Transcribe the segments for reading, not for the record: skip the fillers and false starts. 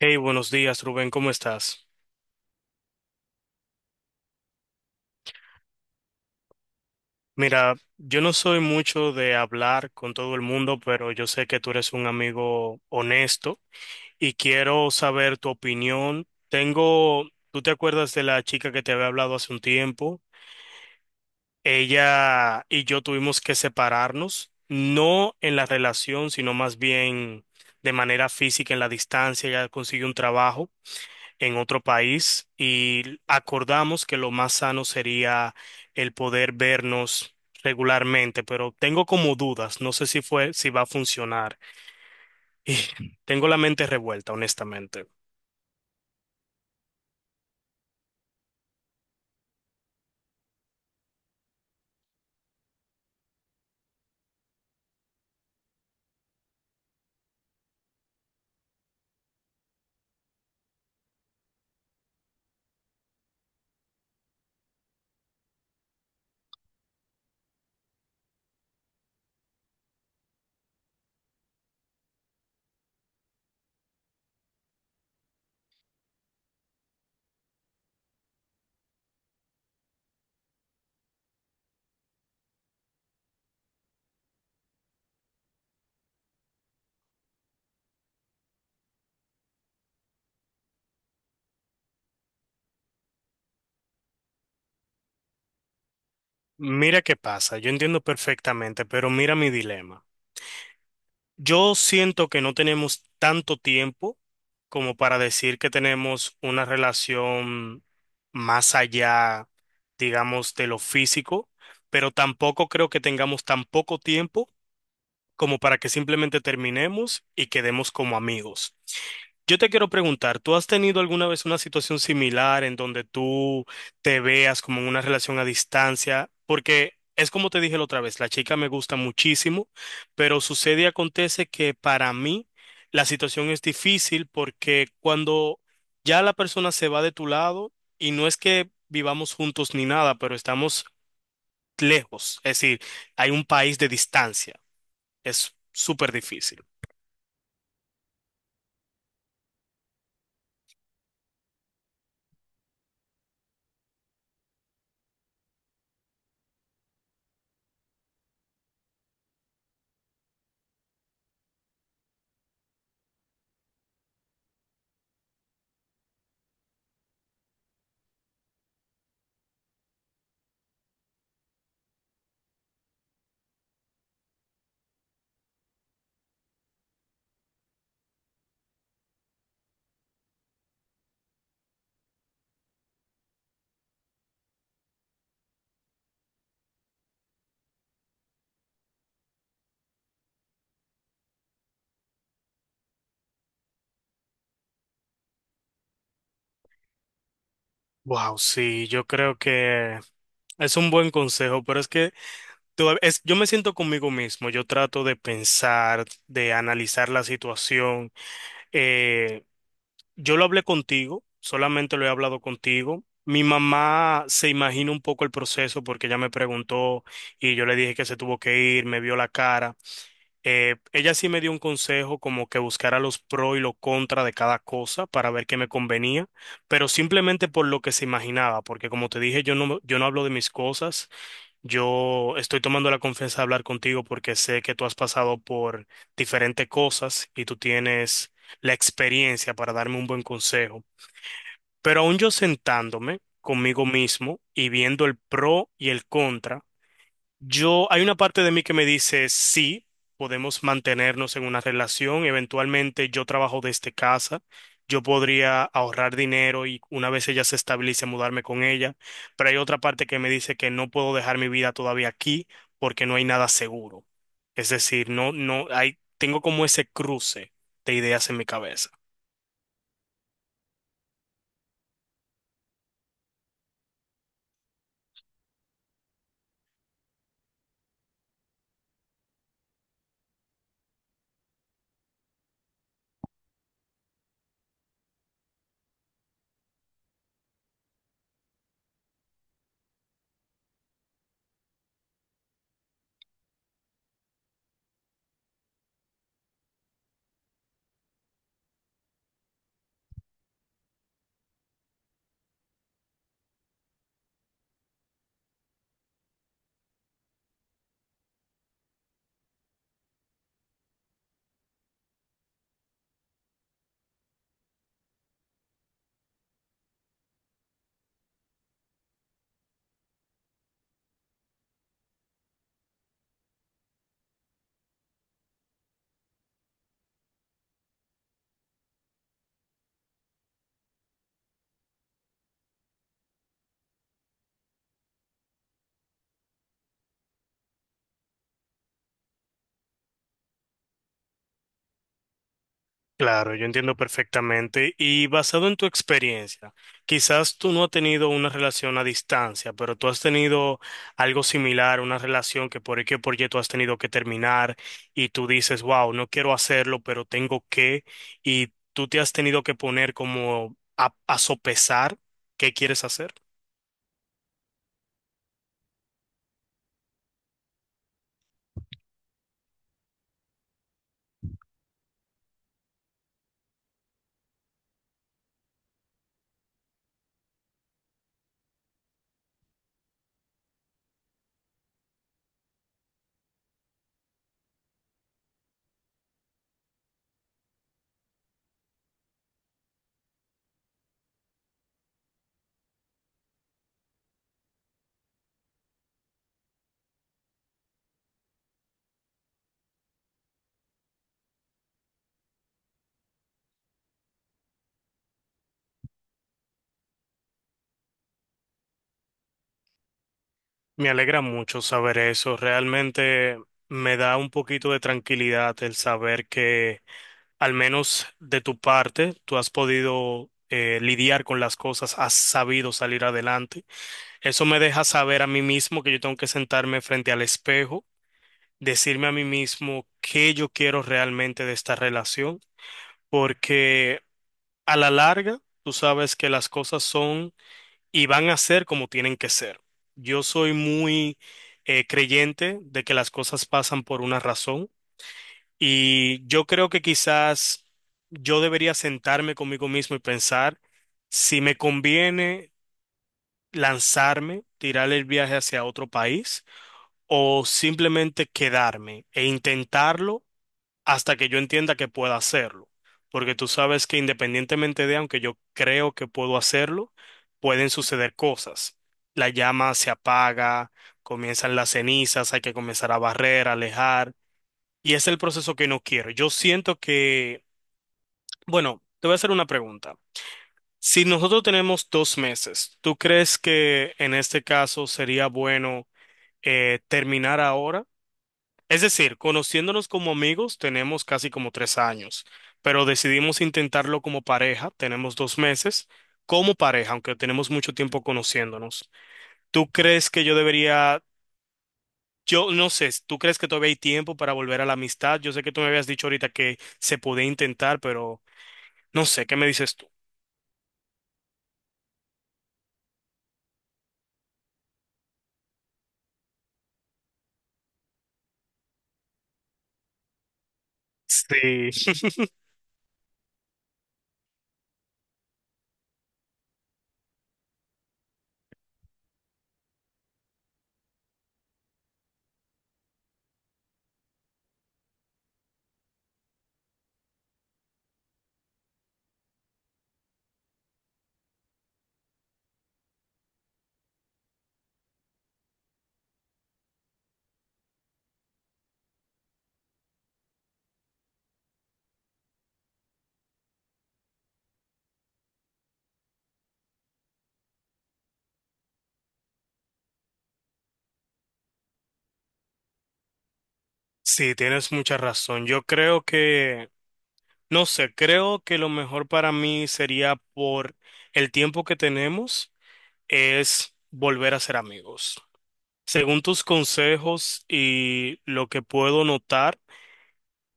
Hey, buenos días, Rubén, ¿cómo estás? Mira, yo no soy mucho de hablar con todo el mundo, pero yo sé que tú eres un amigo honesto y quiero saber tu opinión. Tengo, ¿tú te acuerdas de la chica que te había hablado hace un tiempo? Ella y yo tuvimos que separarnos, no en la relación, sino más bien de manera física, en la distancia, ella consiguió un trabajo en otro país y acordamos que lo más sano sería el poder vernos regularmente, pero tengo como dudas, no sé si va a funcionar. Y tengo la mente revuelta, honestamente. Mira qué pasa, yo entiendo perfectamente, pero mira mi dilema. Yo siento que no tenemos tanto tiempo como para decir que tenemos una relación más allá, digamos, de lo físico, pero tampoco creo que tengamos tan poco tiempo como para que simplemente terminemos y quedemos como amigos. Yo te quiero preguntar, ¿tú has tenido alguna vez una situación similar en donde tú te veas como en una relación a distancia? Porque es como te dije la otra vez, la chica me gusta muchísimo, pero sucede y acontece que para mí la situación es difícil porque cuando ya la persona se va de tu lado y no es que vivamos juntos ni nada, pero estamos lejos, es decir, hay un país de distancia. Es súper difícil. Wow, sí, yo creo que es un buen consejo, pero es que yo me siento conmigo mismo, yo trato de pensar, de analizar la situación. Eh, yo lo hablé contigo, solamente lo he hablado contigo. Mi mamá se imagina un poco el proceso porque ella me preguntó y yo le dije que se tuvo que ir, me vio la cara. Ella sí me dio un consejo como que buscara los pro y los contra de cada cosa para ver qué me convenía, pero simplemente por lo que se imaginaba, porque como te dije, yo no hablo de mis cosas, yo estoy tomando la confianza de hablar contigo porque sé que tú has pasado por diferentes cosas y tú tienes la experiencia para darme un buen consejo. Pero aún yo sentándome conmigo mismo y viendo el pro y el contra, yo, hay una parte de mí que me dice, sí, podemos mantenernos en una relación, eventualmente yo trabajo desde casa, yo podría ahorrar dinero y una vez ella se estabilice, mudarme con ella, pero hay otra parte que me dice que no puedo dejar mi vida todavía aquí porque no hay nada seguro. Es decir, no, no, hay, tengo como ese cruce de ideas en mi cabeza. Claro, yo entiendo perfectamente. Y basado en tu experiencia, quizás tú no has tenido una relación a distancia, pero tú has tenido algo similar, una relación que por qué por Y tú has tenido que terminar y tú dices, wow, no quiero hacerlo, pero tengo que, y tú te has tenido que poner como a sopesar qué quieres hacer. Me alegra mucho saber eso. Realmente me da un poquito de tranquilidad el saber que al menos de tu parte, tú has podido lidiar con las cosas, has sabido salir adelante. Eso me deja saber a mí mismo que yo tengo que sentarme frente al espejo, decirme a mí mismo qué yo quiero realmente de esta relación, porque a la larga tú sabes que las cosas son y van a ser como tienen que ser. Yo soy muy creyente de que las cosas pasan por una razón. Y yo creo que quizás yo debería sentarme conmigo mismo y pensar si me conviene lanzarme, tirar el viaje hacia otro país o simplemente quedarme e intentarlo hasta que yo entienda que pueda hacerlo. Porque tú sabes que independientemente de, aunque yo creo que puedo hacerlo, pueden suceder cosas. La llama se apaga, comienzan las cenizas, hay que comenzar a barrer, a alejar. Y es el proceso que no quiero. Yo siento que, bueno, te voy a hacer una pregunta. Si nosotros tenemos 2 meses, ¿tú crees que en este caso sería bueno terminar ahora? Es decir, conociéndonos como amigos, tenemos casi como 3 años, pero decidimos intentarlo como pareja, tenemos 2 meses como pareja, aunque tenemos mucho tiempo conociéndonos. ¿Tú crees que yo debería, yo no sé, tú crees que todavía hay tiempo para volver a la amistad? Yo sé que tú me habías dicho ahorita que se podía intentar, pero... No sé, ¿qué me dices tú? Sí, sí, tienes mucha razón. Yo creo que, no sé, Creo que lo mejor para mí sería por el tiempo que tenemos es volver a ser amigos. Según tus consejos y lo que puedo notar,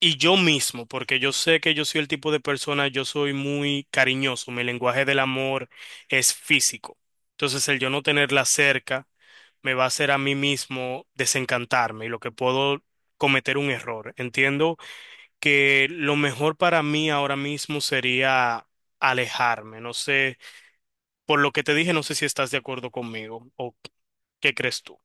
y yo mismo, porque yo sé que yo soy el tipo de persona, yo soy muy cariñoso, mi lenguaje del amor es físico. Entonces, el yo no tenerla cerca me va a hacer a mí mismo desencantarme y lo que puedo cometer un error. Entiendo que lo mejor para mí ahora mismo sería alejarme. No sé, por lo que te dije, no sé si estás de acuerdo conmigo o qué crees tú.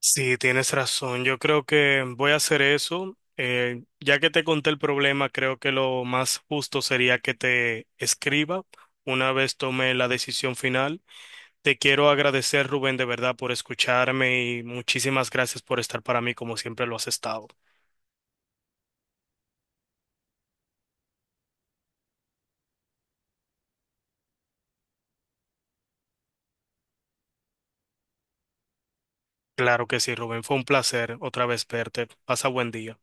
Sí, tienes razón. Yo creo que voy a hacer eso. Ya que te conté el problema, creo que lo más justo sería que te escriba una vez tome la decisión final. Te quiero agradecer, Rubén, de verdad, por escucharme y muchísimas gracias por estar para mí como siempre lo has estado. Claro que sí, Rubén. Fue un placer otra vez verte. Pasa buen día.